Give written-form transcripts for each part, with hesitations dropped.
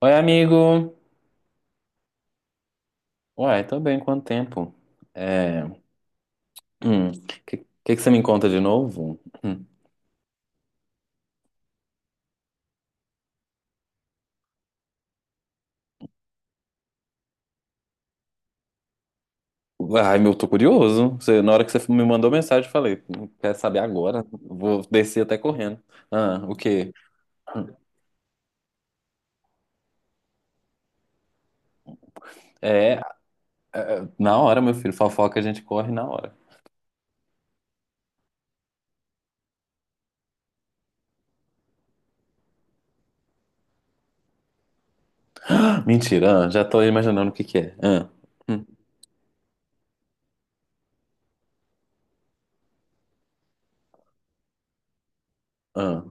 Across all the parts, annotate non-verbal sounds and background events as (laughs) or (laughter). Oi, amigo. Uai, tô bem, quanto tempo? É... hum, Que, que que você me conta de novo? Hum. Ai, meu, tô curioso. Na hora que você me mandou mensagem, eu falei, quer saber agora? Vou descer até correndo." Ah, o quê? É, na hora, meu filho, fofoca a gente corre na hora. Mentira, ah, já tô imaginando o que que é. Ah, hum, ah,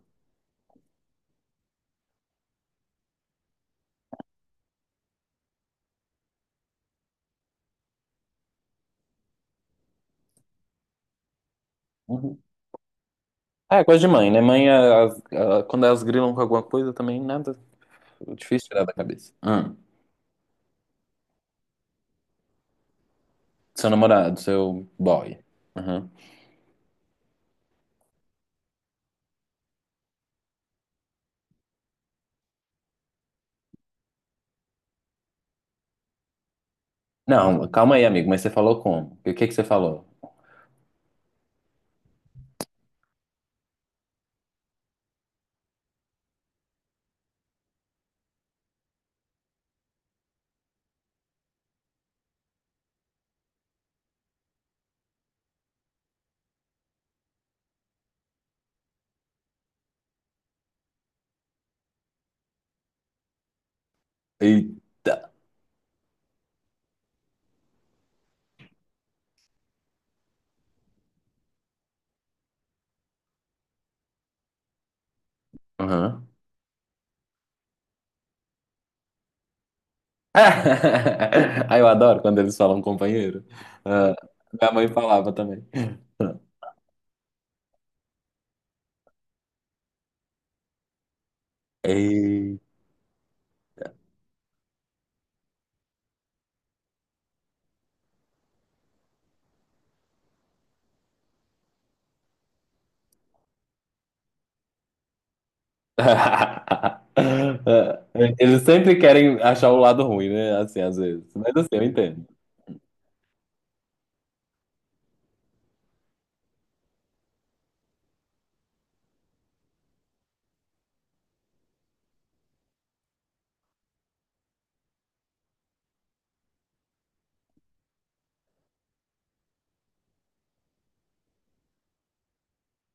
uhum. Ah, é coisa de mãe, né? Mãe, quando elas grilam com alguma coisa, também nada, difícil tirar da cabeça. Ah, seu namorado, seu boy. Não, calma aí, amigo, mas você falou como? O que que você falou? Eita! Aham. (laughs) Ah, eu adoro quando eles falam companheiro. Ah, minha mãe falava também. Eita! (laughs) Eles sempre querem achar o lado ruim, né? Assim, às vezes. Mas assim, eu entendo.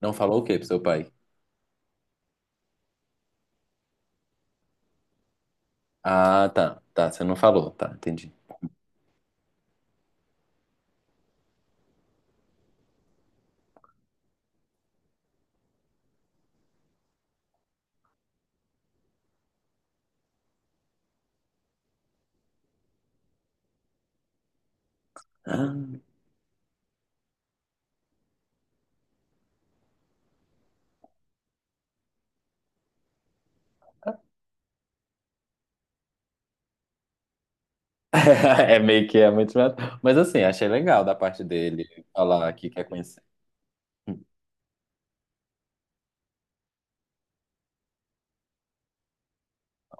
Não falou o quê pro seu pai? Ah, tá. Tá, você não falou. Tá, entendi. (laughs) É meio que é muito. Mas assim, achei legal da parte dele falar que quer conhecer.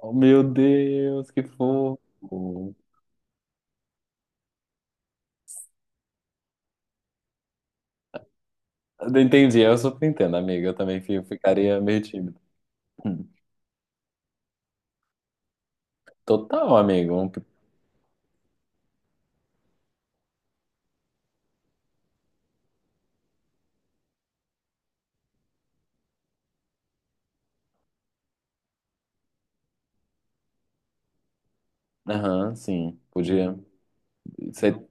Oh, meu Deus, que fofo. Eu entendi, eu super entendo, amiga. Eu também ficaria meio tímido. Hum. Total, amigo. Aham, sim. Podia ser.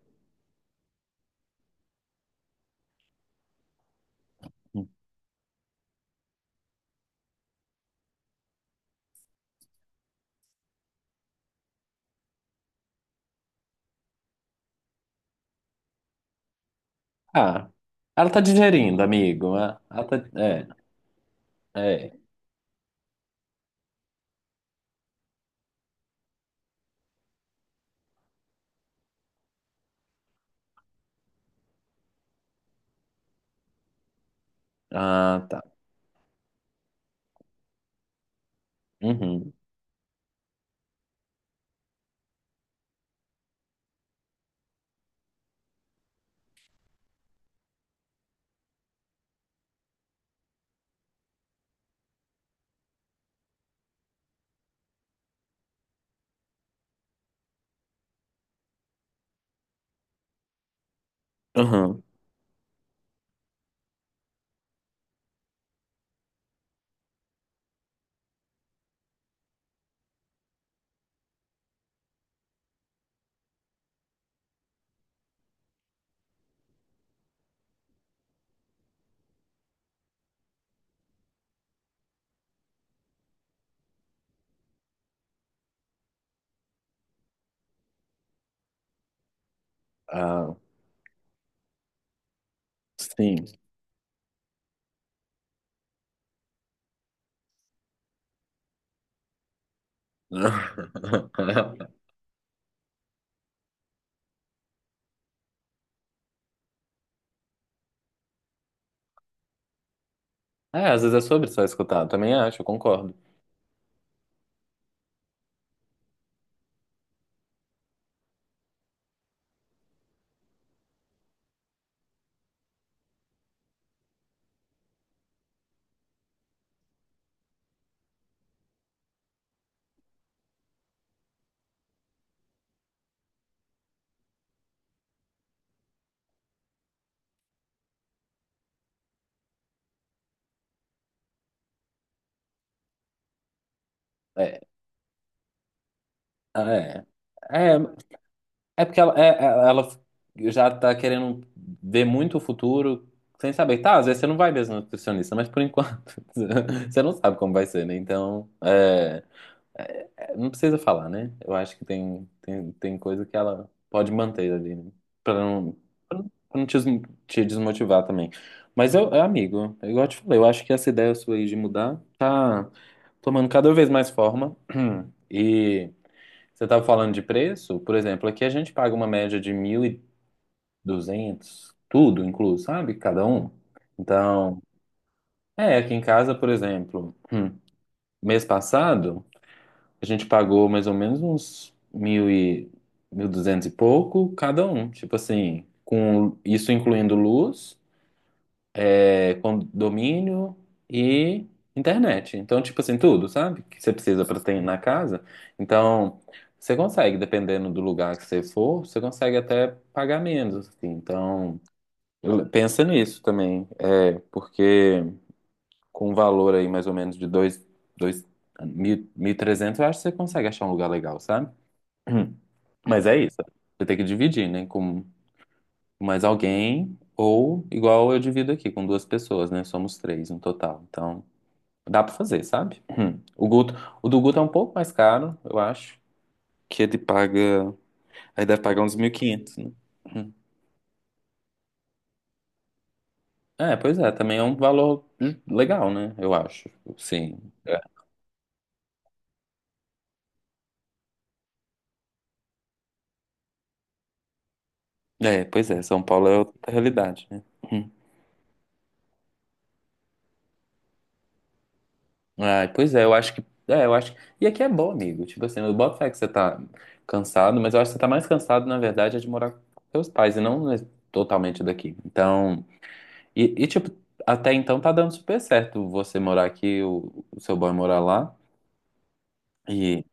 Hum, ah, ela tá digerindo, amigo. Ah, ela tá... É, é. Ah, tá. Uhum. Uhum. Ah, sim. (laughs) É, às vezes é sobre só escutar. Eu também acho, eu concordo. É, ah, é. É, é porque ela, ela já tá querendo ver muito o futuro sem saber. Tá, às vezes você não vai mesmo no nutricionista, mas por enquanto (laughs) você não sabe como vai ser, né? Então, é, é, não precisa falar, né? Eu acho que tem coisa que ela pode manter ali, né? Pra não, pra não te, te desmotivar também. Mas eu, é, amigo, é igual eu te falei, eu acho que essa ideia sua aí de mudar tá tomando cada vez mais forma. (clears throat) E. Você estava falando de preço? Por exemplo, aqui a gente paga uma média de mil e duzentos tudo incluso, sabe? Cada um. Então, é, aqui em casa, por exemplo, mês passado, a gente pagou mais ou menos uns 1.200 e pouco cada um. Tipo assim, com isso incluindo luz, é, condomínio e internet. Então, tipo assim, tudo, sabe? Que você precisa para ter na casa. Então, você consegue, dependendo do lugar que você for, você consegue até pagar menos, assim. Então, pensa nisso também. É, porque com um valor aí mais ou menos de dois, mil, 1.300, eu acho que você consegue achar um lugar legal, sabe? (clears throat) Mas é isso. Você tem que dividir, né? Com mais alguém, ou igual eu divido aqui, com duas pessoas, né? Somos três no total. Então, dá pra fazer, sabe? Hum. O do Guto é um pouco mais caro, eu acho, que ele paga, aí deve pagar uns 1.500, né? Hum. É, pois é, também é um valor legal, né? Eu acho. Sim. É, é, pois é, São Paulo é outra realidade, né? Hum. Ah, pois é, eu acho que, e aqui é bom, amigo, tipo assim, eu boto fé que você tá cansado, mas eu acho que você tá mais cansado, na verdade, é de morar com seus pais, e não né, totalmente daqui. Então, e, tipo, até então tá dando super certo você morar aqui, o seu boy morar lá. E,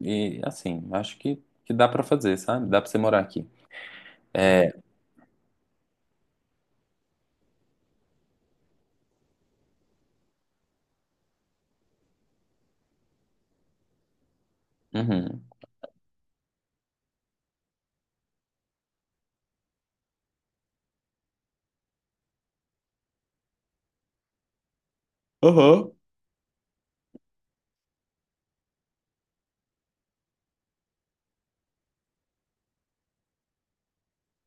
e assim, acho que dá pra fazer, sabe? Dá pra você morar aqui. É, uhum. Aham.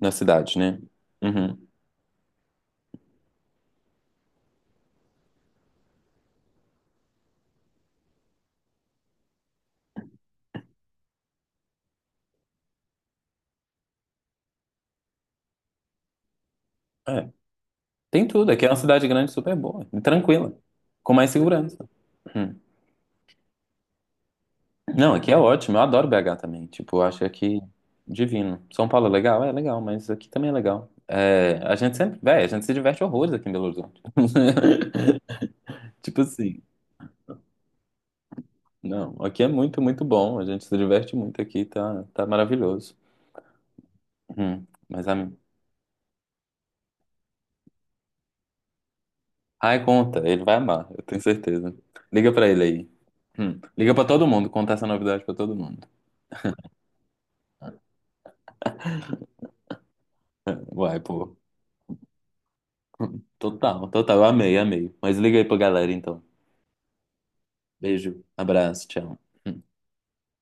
Na cidade, né? Uhum. É. Tem tudo. Aqui é uma cidade grande super boa, e tranquila, com mais segurança. Uhum. Não, aqui é ótimo. Eu adoro BH também. Tipo, eu acho aqui divino. São Paulo é legal? É legal, mas aqui também é legal. É, a gente sempre, véi, a gente se diverte horrores aqui em Belo Horizonte. (laughs) Tipo assim. Não, aqui é muito, muito bom. A gente se diverte muito aqui, tá, tá maravilhoso. Mas a... Ai, conta, ele vai amar, eu tenho certeza. Liga pra ele aí. Liga pra todo mundo, conta essa novidade pra todo mundo. Uai, pô. Total, total, eu amei, amei. Mas liga aí pra galera então. Beijo, abraço, tchau.